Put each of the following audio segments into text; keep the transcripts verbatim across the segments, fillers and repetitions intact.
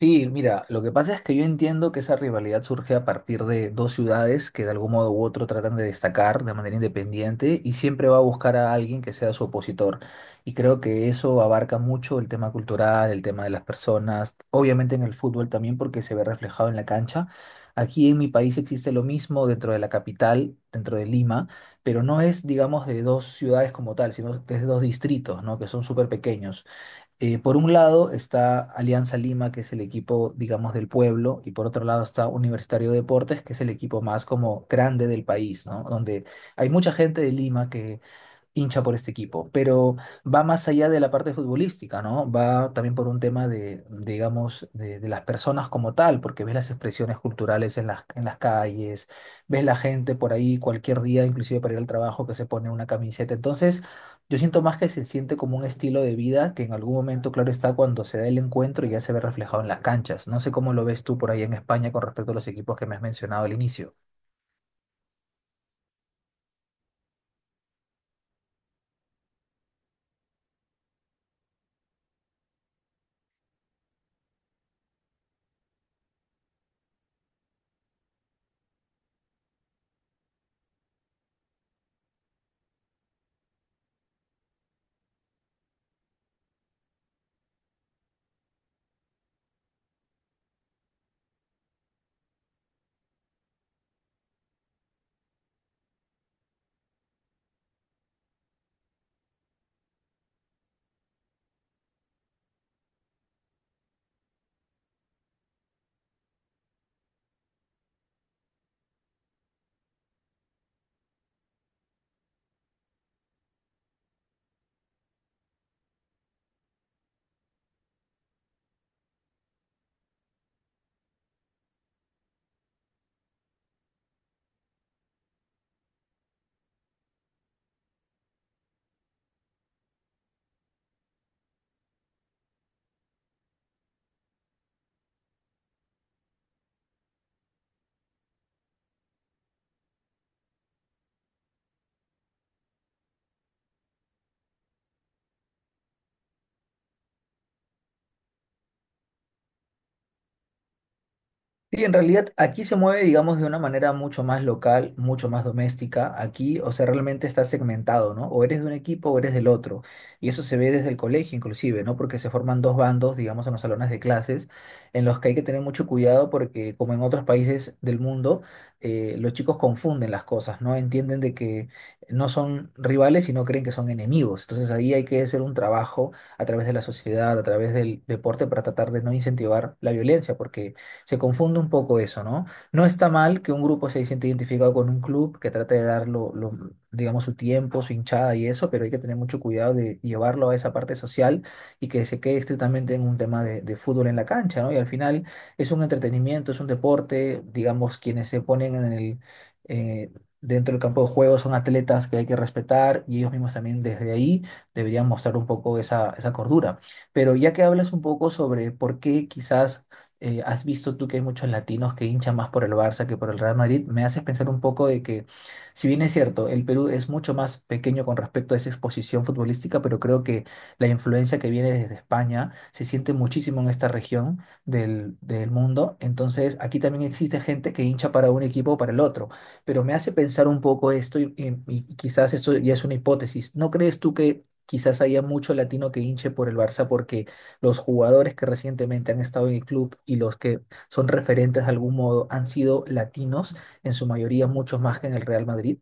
Sí, mira, lo que pasa es que yo entiendo que esa rivalidad surge a partir de dos ciudades que de algún modo u otro tratan de destacar de manera independiente y siempre va a buscar a alguien que sea su opositor. Y creo que eso abarca mucho el tema cultural, el tema de las personas, obviamente en el fútbol también porque se ve reflejado en la cancha. Aquí en mi país existe lo mismo dentro de la capital, dentro de Lima, pero no es, digamos, de dos ciudades como tal, sino que es de dos distritos, ¿no? Que son súper pequeños. Eh, por un lado está Alianza Lima, que es el equipo, digamos, del pueblo, y por otro lado está Universitario de Deportes, que es el equipo más como grande del país, ¿no? Donde hay mucha gente de Lima que hincha por este equipo, pero va más allá de la parte futbolística, ¿no? Va también por un tema de, digamos, de, de las personas como tal, porque ves las expresiones culturales en las, en las calles, ves la gente por ahí cualquier día, inclusive para ir al trabajo, que se pone una camiseta. Entonces, yo siento más que se siente como un estilo de vida que en algún momento, claro está, cuando se da el encuentro ya se ve reflejado en las canchas. No sé cómo lo ves tú por ahí en España con respecto a los equipos que me has mencionado al inicio. Sí, en realidad aquí se mueve, digamos, de una manera mucho más local, mucho más doméstica. Aquí, o sea, realmente está segmentado, ¿no? O eres de un equipo o eres del otro. Y eso se ve desde el colegio, inclusive, ¿no? Porque se forman dos bandos, digamos, en los salones de clases, en los que hay que tener mucho cuidado porque, como en otros países del mundo, eh, los chicos confunden las cosas, ¿no? Entienden de que no son rivales, sino creen que son enemigos. Entonces ahí hay que hacer un trabajo a través de la sociedad, a través del deporte, para tratar de no incentivar la violencia, porque se confunde un poco eso, ¿no? No está mal que un grupo se siente identificado con un club, que trate de dar lo, lo, digamos, su tiempo, su hinchada y eso, pero hay que tener mucho cuidado de llevarlo a esa parte social y que se quede estrictamente en un tema de, de fútbol en la cancha, ¿no? Y al final es un entretenimiento, es un deporte, digamos, quienes se ponen en el... eh, dentro del campo de juego son atletas que hay que respetar y ellos mismos también desde ahí deberían mostrar un poco esa, esa cordura. Pero ya que hablas un poco sobre por qué quizás eh, has visto tú que hay muchos latinos que hinchan más por el Barça que por el Real Madrid, me haces pensar un poco de que, si bien es cierto, el Perú es mucho más pequeño con respecto a esa exposición futbolística, pero creo que la influencia que viene desde España se siente muchísimo en esta región del, del mundo. Entonces, aquí también existe gente que hincha para un equipo o para el otro. Pero me hace pensar un poco esto y, y- y quizás esto ya es una hipótesis. ¿No crees tú que... Quizás haya mucho latino que hinche por el Barça porque los jugadores que recientemente han estado en el club y los que son referentes de algún modo han sido latinos, en su mayoría muchos más que en el Real Madrid.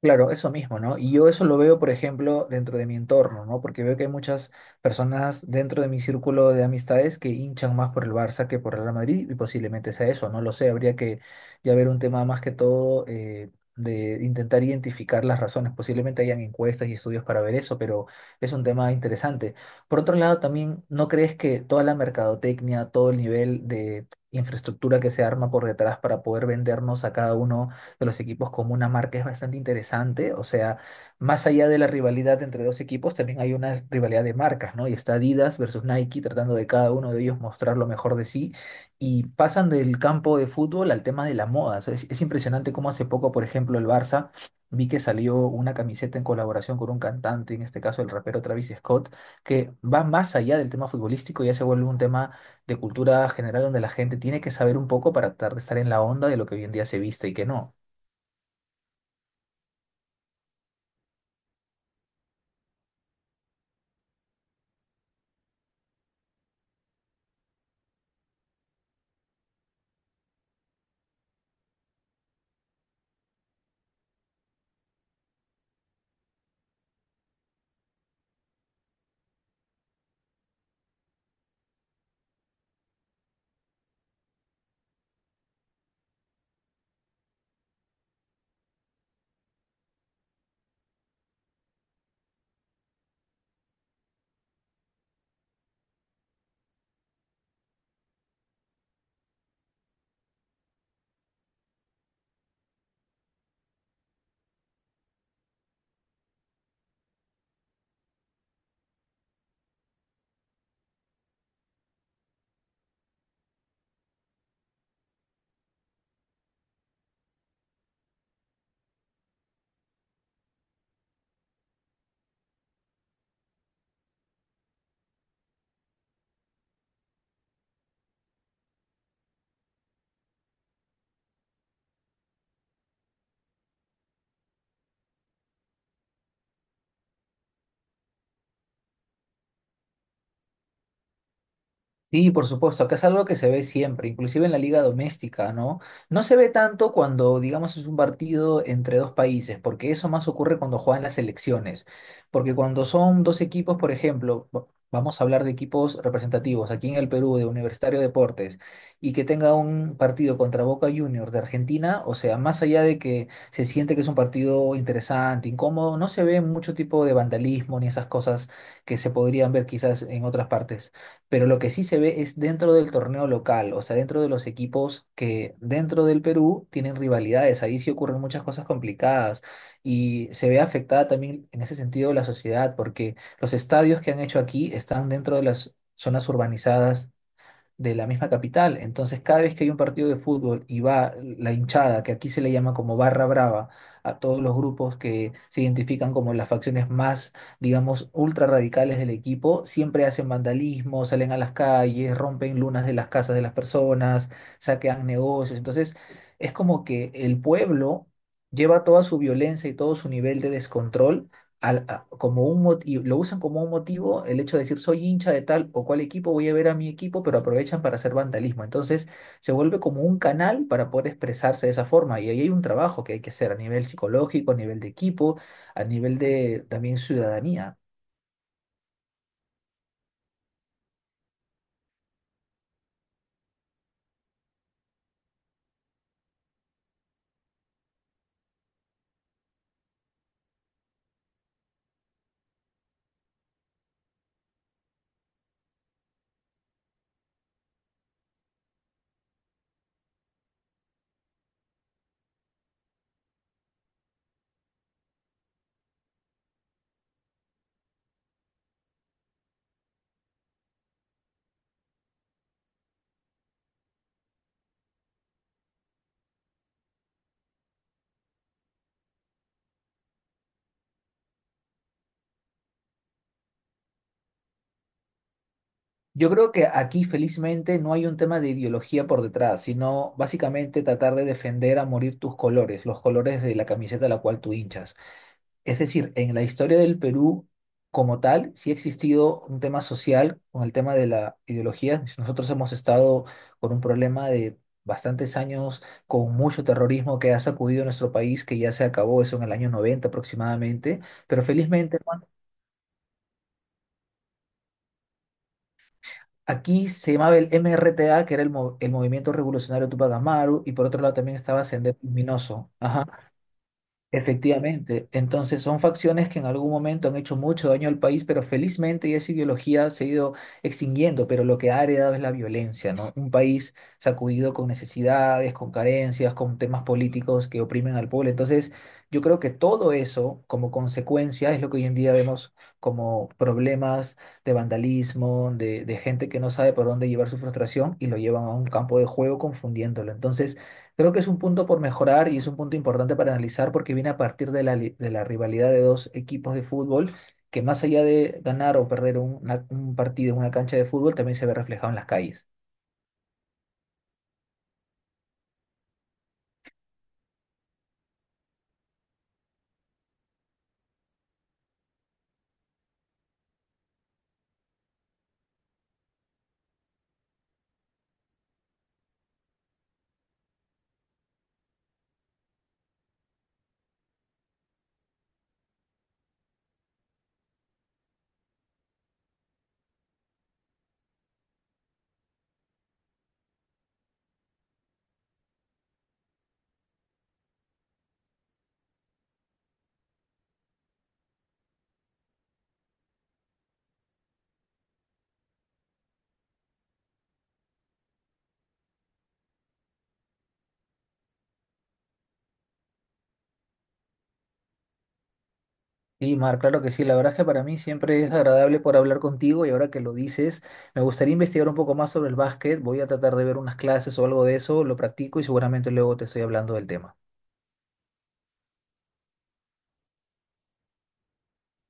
Claro, eso mismo, ¿no? Y yo eso lo veo, por ejemplo, dentro de mi entorno, ¿no? Porque veo que hay muchas personas dentro de mi círculo de amistades que hinchan más por el Barça que por el Real Madrid y posiblemente sea eso, no lo sé, habría que ya ver un tema más que todo eh, de intentar identificar las razones. Posiblemente hayan encuestas y estudios para ver eso, pero es un tema interesante. Por otro lado, también, ¿no crees que toda la mercadotecnia, todo el nivel de infraestructura que se arma por detrás para poder vendernos a cada uno de los equipos como una marca es bastante interesante? O sea, más allá de la rivalidad entre dos equipos, también hay una rivalidad de marcas, ¿no? Y está Adidas versus Nike tratando de cada uno de ellos mostrar lo mejor de sí. Y pasan del campo de fútbol al tema de la moda. O sea, es, es impresionante cómo hace poco, por ejemplo, el Barça, vi que salió una camiseta en colaboración con un cantante, en este caso el rapero Travis Scott, que va más allá del tema futbolístico, ya se vuelve un tema de cultura general donde la gente tiene que saber un poco para tratar de estar en la onda de lo que hoy en día se viste y que no. Sí, por supuesto, acá es algo que se ve siempre, inclusive en la liga doméstica, ¿no? No se ve tanto cuando, digamos, es un partido entre dos países, porque eso más ocurre cuando juegan las selecciones, porque cuando son dos equipos, por ejemplo, va- vamos a hablar de equipos representativos aquí en el Perú, de Universitario de Deportes, y que tenga un partido contra Boca Juniors de Argentina, o sea, más allá de que se siente que es un partido interesante, incómodo, no se ve mucho tipo de vandalismo ni esas cosas que se podrían ver quizás en otras partes, pero lo que sí se ve es dentro del torneo local, o sea, dentro de los equipos que dentro del Perú tienen rivalidades, ahí sí ocurren muchas cosas complicadas y se ve afectada también en ese sentido la sociedad, porque los estadios que han hecho aquí están dentro de las zonas urbanizadas de la misma capital. Entonces, cada vez que hay un partido de fútbol y va la hinchada, que aquí se le llama como barra brava, a todos los grupos que se identifican como las facciones más, digamos, ultra radicales del equipo, siempre hacen vandalismo, salen a las calles, rompen lunas de las casas de las personas, saquean negocios. Entonces, es como que el pueblo lleva toda su violencia y todo su nivel de descontrol al- a- como un mot- y Lo usan como un motivo el hecho de decir soy hincha de tal o cual equipo, voy a ver a mi equipo, pero aprovechan para hacer vandalismo. Entonces se vuelve como un canal para poder expresarse de esa forma y ahí hay un trabajo que hay que hacer a nivel psicológico, a nivel de equipo, a nivel de también ciudadanía. Yo creo que aquí felizmente no hay un tema de ideología por detrás, sino básicamente tratar de defender a morir tus colores, los colores de la camiseta a la cual tú hinchas. Es decir, en la historia del Perú como tal, sí ha existido un tema social con el tema de la ideología. Nosotros hemos estado con un problema de bastantes años, con mucho terrorismo que ha sacudido nuestro país, que ya se acabó eso en el año noventa aproximadamente. Pero felizmente, Juan, aquí se llamaba el M R T A, que era el, mo- el Movimiento Revolucionario Tupac Amaru, y por otro lado también estaba Sendero Luminoso. Ajá. Efectivamente, entonces son facciones que en algún momento han hecho mucho daño al país, pero felizmente esa ideología se ha ido extinguiendo, pero lo que ha heredado es la violencia, ¿no? Un país sacudido con necesidades, con carencias, con temas políticos que oprimen al pueblo. Entonces, yo creo que todo eso, como consecuencia, es lo que hoy en día vemos como problemas de vandalismo, de, de gente que no sabe por dónde llevar su frustración y lo llevan a un campo de juego confundiéndolo. Entonces, creo que es un punto por mejorar y es un punto importante para analizar porque viene a partir de la, li- de la rivalidad de dos equipos de fútbol que más allá de ganar o perder un, una- un partido en una cancha de fútbol también se ve reflejado en las calles. Y Mar, claro que sí, la verdad es que para mí siempre es agradable por hablar contigo y ahora que lo dices, me gustaría investigar un poco más sobre el básquet, voy a tratar de ver unas clases o algo de eso, lo practico y seguramente luego te estoy hablando del tema.